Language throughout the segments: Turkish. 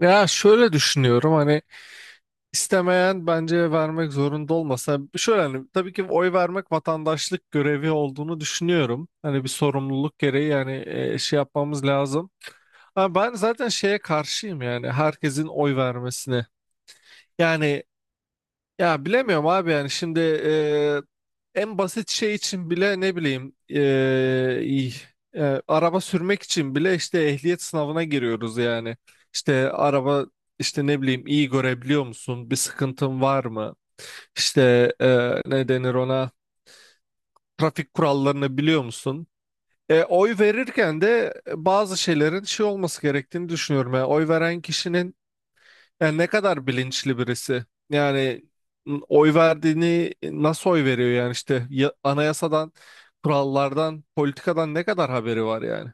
Ya şöyle düşünüyorum hani istemeyen bence vermek zorunda olmasa şöyle hani tabii ki oy vermek vatandaşlık görevi olduğunu düşünüyorum. Hani bir sorumluluk gereği yani şey yapmamız lazım. Ama ben zaten şeye karşıyım yani herkesin oy vermesine. Yani ya bilemiyorum abi yani şimdi en basit şey için bile ne bileyim iyi, araba sürmek için bile işte ehliyet sınavına giriyoruz yani. İşte araba işte ne bileyim iyi görebiliyor musun? Bir sıkıntın var mı? İşte ne denir ona? Trafik kurallarını biliyor musun? Oy verirken de bazı şeylerin şey olması gerektiğini düşünüyorum. Yani oy veren kişinin yani ne kadar bilinçli birisi. Yani oy verdiğini nasıl oy veriyor yani işte anayasadan, kurallardan, politikadan ne kadar haberi var yani.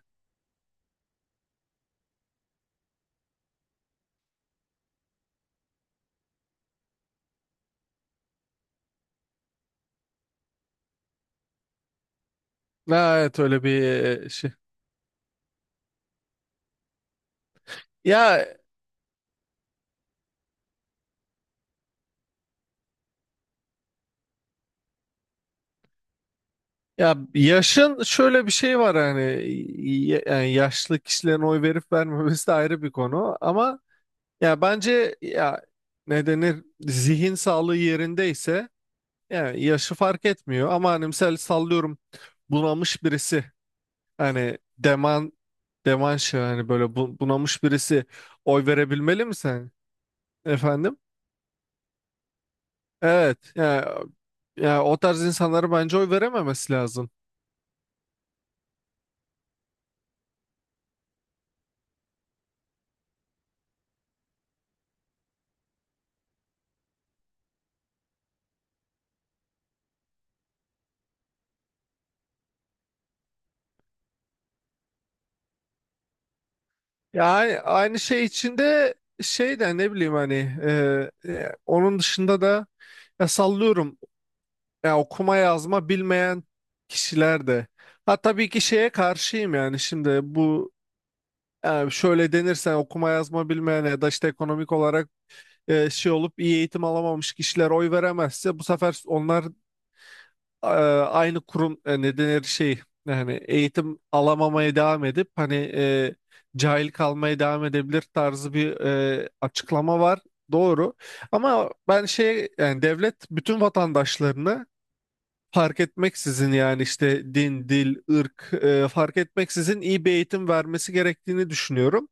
Ha, evet öyle bir şey. Ya ya yaşın şöyle bir şey var hani yani yaşlı kişilerin oy verip vermemesi de ayrı bir konu ama ya bence ya ne denir zihin sağlığı yerindeyse yani yaşı fark etmiyor ama hani misal sallıyorum bunamış birisi. Hani Deman şey hani böyle bunamış birisi oy verebilmeli mi sen? Efendim? Evet. Yani, yani o tarz insanlara bence oy verememesi lazım. Yani aynı şey içinde şey de ne bileyim hani, onun dışında da ya sallıyorum ya okuma yazma bilmeyen kişiler de. Ha tabii ki şeye karşıyım yani şimdi bu yani şöyle denirsen okuma yazma bilmeyen ya da işte ekonomik olarak şey olup iyi eğitim alamamış kişiler oy veremezse bu sefer onlar e, aynı kurum ne denir şey yani eğitim alamamaya devam edip hani cahil kalmaya devam edebilir tarzı bir açıklama var. Doğru. Ama ben şey yani devlet bütün vatandaşlarını fark etmeksizin yani işte din, dil, ırk fark etmeksizin iyi bir eğitim vermesi gerektiğini düşünüyorum.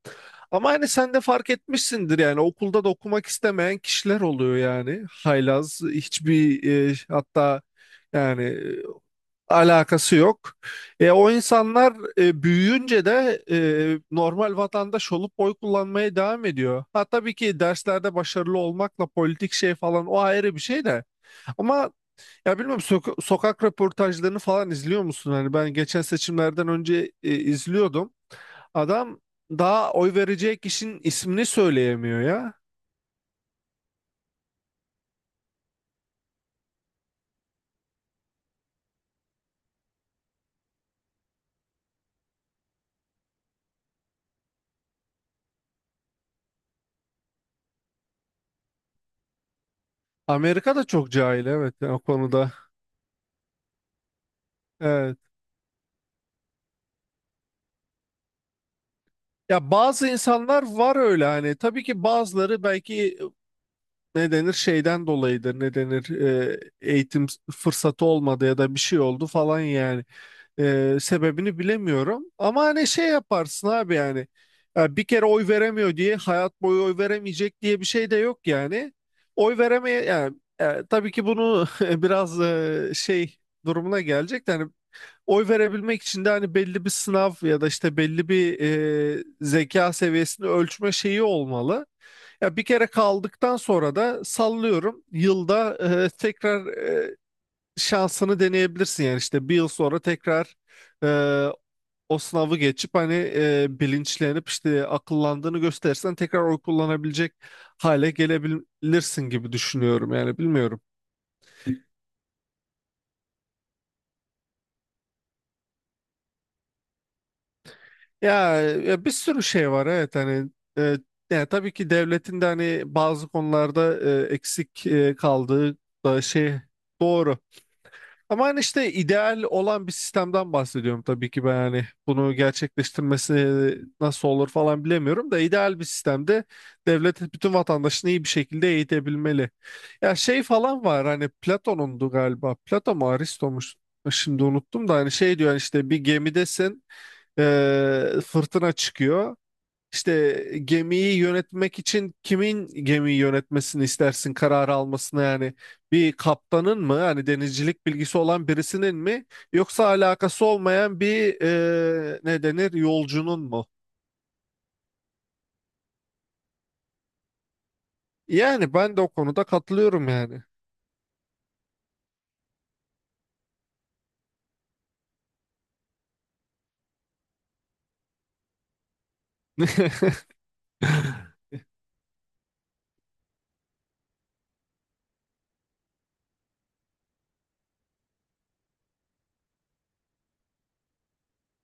Ama hani sen de fark etmişsindir yani okulda da okumak istemeyen kişiler oluyor yani. Haylaz hiçbir hatta yani alakası yok. O insanlar büyüyünce de normal vatandaş olup oy kullanmaya devam ediyor. Ha tabii ki derslerde başarılı olmakla politik şey falan o ayrı bir şey de. Ama ya bilmiyorum sokak röportajlarını falan izliyor musun? Hani ben geçen seçimlerden önce izliyordum. Adam daha oy verecek kişinin ismini söyleyemiyor ya. Amerika da çok cahil evet yani o konuda. Evet. Ya bazı insanlar var öyle hani tabii ki bazıları belki ne denir şeyden dolayıdır ne denir eğitim fırsatı olmadı ya da bir şey oldu falan yani. Sebebini bilemiyorum. Ama hani şey yaparsın abi yani. Ya bir kere oy veremiyor diye hayat boyu oy veremeyecek diye bir şey de yok yani. Oy veremeye yani tabii ki bunu biraz şey durumuna gelecek. De Hani oy verebilmek için de hani belli bir sınav ya da işte belli bir zeka seviyesini ölçme şeyi olmalı. Ya bir kere kaldıktan sonra da sallıyorum yılda tekrar şansını deneyebilirsin yani işte bir yıl sonra tekrar e, o sınavı geçip hani bilinçlenip işte akıllandığını gösterirsen tekrar oy kullanabilecek hale gelebilirsin gibi düşünüyorum yani bilmiyorum. Ya bir sürü şey var evet hani, e, yani tabii ki devletin de hani bazı konularda eksik kaldığı da şey doğru. Ama hani işte ideal olan bir sistemden bahsediyorum tabii ki ben hani bunu gerçekleştirmesi nasıl olur falan bilemiyorum da ideal bir sistemde devlet bütün vatandaşını iyi bir şekilde eğitebilmeli. Ya şey falan var hani Platon'undu galiba, Platon mu Aristo mu şimdi unuttum da hani şey diyor hani işte bir gemidesin, fırtına çıkıyor. İşte gemiyi yönetmek için kimin gemiyi yönetmesini istersin kararı almasını yani bir kaptanın mı hani denizcilik bilgisi olan birisinin mi yoksa alakası olmayan bir ne denir yolcunun mu? Yani ben de o konuda katılıyorum yani.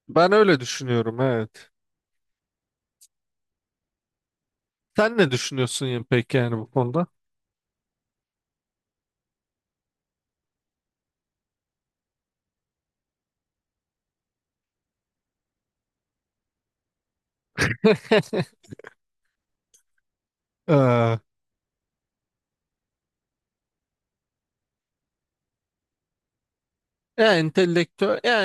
Ben öyle düşünüyorum evet. Sen ne düşünüyorsun ya peki yani bu konuda? Ee, ya entelektüel, ya.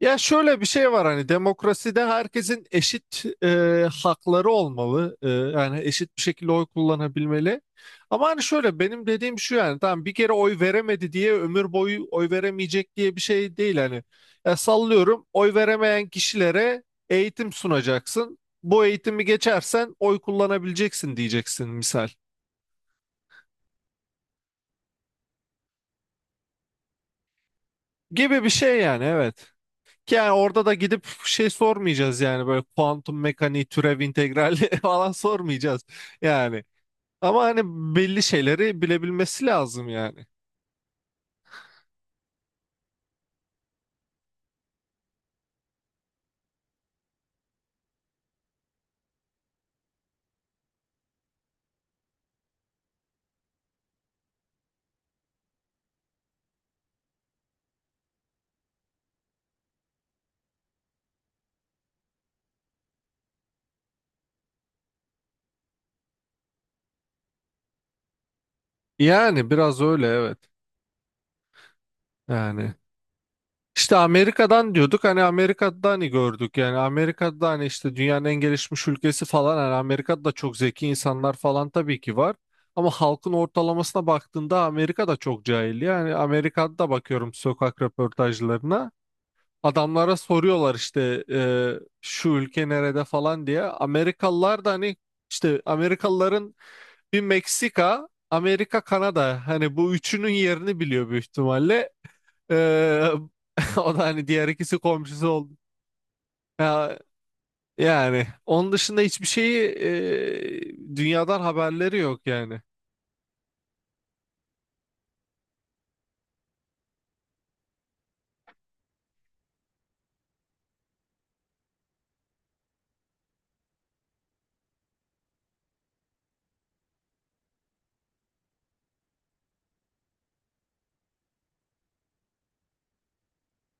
Ya şöyle bir şey var hani demokraside herkesin eşit hakları olmalı. Yani eşit bir şekilde oy kullanabilmeli. Ama hani şöyle benim dediğim şu yani tamam bir kere oy veremedi diye ömür boyu oy veremeyecek diye bir şey değil hani. Ya sallıyorum oy veremeyen kişilere eğitim sunacaksın. Bu eğitimi geçersen oy kullanabileceksin diyeceksin misal. Gibi bir şey yani evet. Yani orada da gidip şey sormayacağız yani böyle kuantum mekaniği, türev integrali falan sormayacağız yani. Ama hani belli şeyleri bilebilmesi lazım yani. Yani biraz öyle evet. Yani işte Amerika'dan diyorduk hani Amerika'da hani gördük yani Amerika'da hani işte dünyanın en gelişmiş ülkesi falan hani Amerika'da da çok zeki insanlar falan tabii ki var. Ama halkın ortalamasına baktığında Amerika'da çok cahil. Yani Amerika'da da bakıyorum sokak röportajlarına. Adamlara soruyorlar işte şu ülke nerede falan diye. Amerikalılar da hani işte Amerikalıların bir Meksika, Amerika, Kanada hani bu üçünün yerini biliyor büyük ihtimalle. E, o da hani diğer ikisi komşusu oldu. Ya, yani onun dışında hiçbir şeyi dünyadan haberleri yok yani.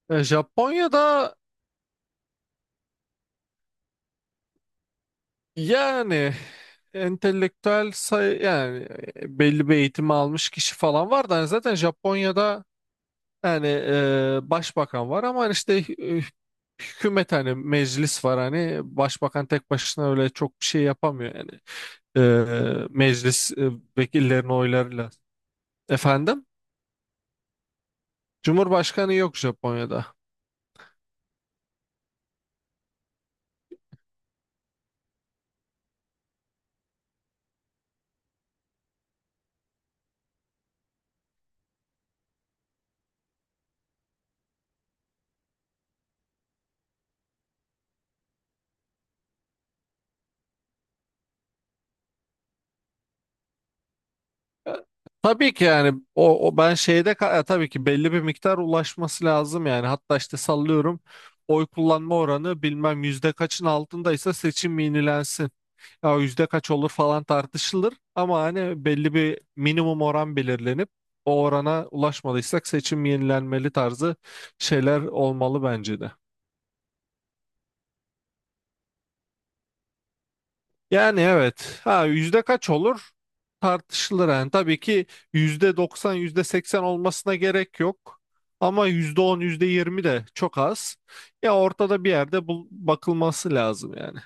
E, Japonya'da yani entelektüel sayı yani belli bir eğitim almış kişi falan var da hani zaten Japonya'da yani başbakan var ama işte hükümet hani meclis var hani başbakan tek başına öyle çok bir şey yapamıyor yani. Meclis vekillerin oylarıyla. Efendim? Cumhurbaşkanı yok Japonya'da. Tabii ki yani o ben şeyde tabii ki belli bir miktar ulaşması lazım yani hatta işte sallıyorum oy kullanma oranı bilmem yüzde kaçın altındaysa seçim yenilensin. Ya yüzde kaç olur falan tartışılır ama hani belli bir minimum oran belirlenip o orana ulaşmadıysak seçim yenilenmeli tarzı şeyler olmalı bence de. Yani evet. Ha yüzde kaç olur? Tartışılır yani. Tabii ki %90, yüzde 80 olmasına gerek yok. Ama %10, yüzde 20 de çok az. Ya ortada bir yerde bakılması lazım yani.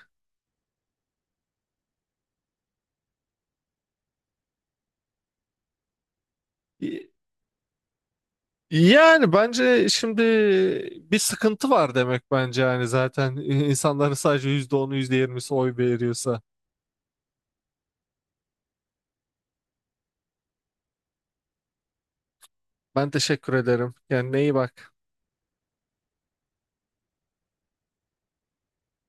Y- Yani bence şimdi bir sıkıntı var demek bence yani zaten insanların sadece %10'u, yüzde yirmisi oy veriyorsa. Ben teşekkür ederim. Yani neyi bak.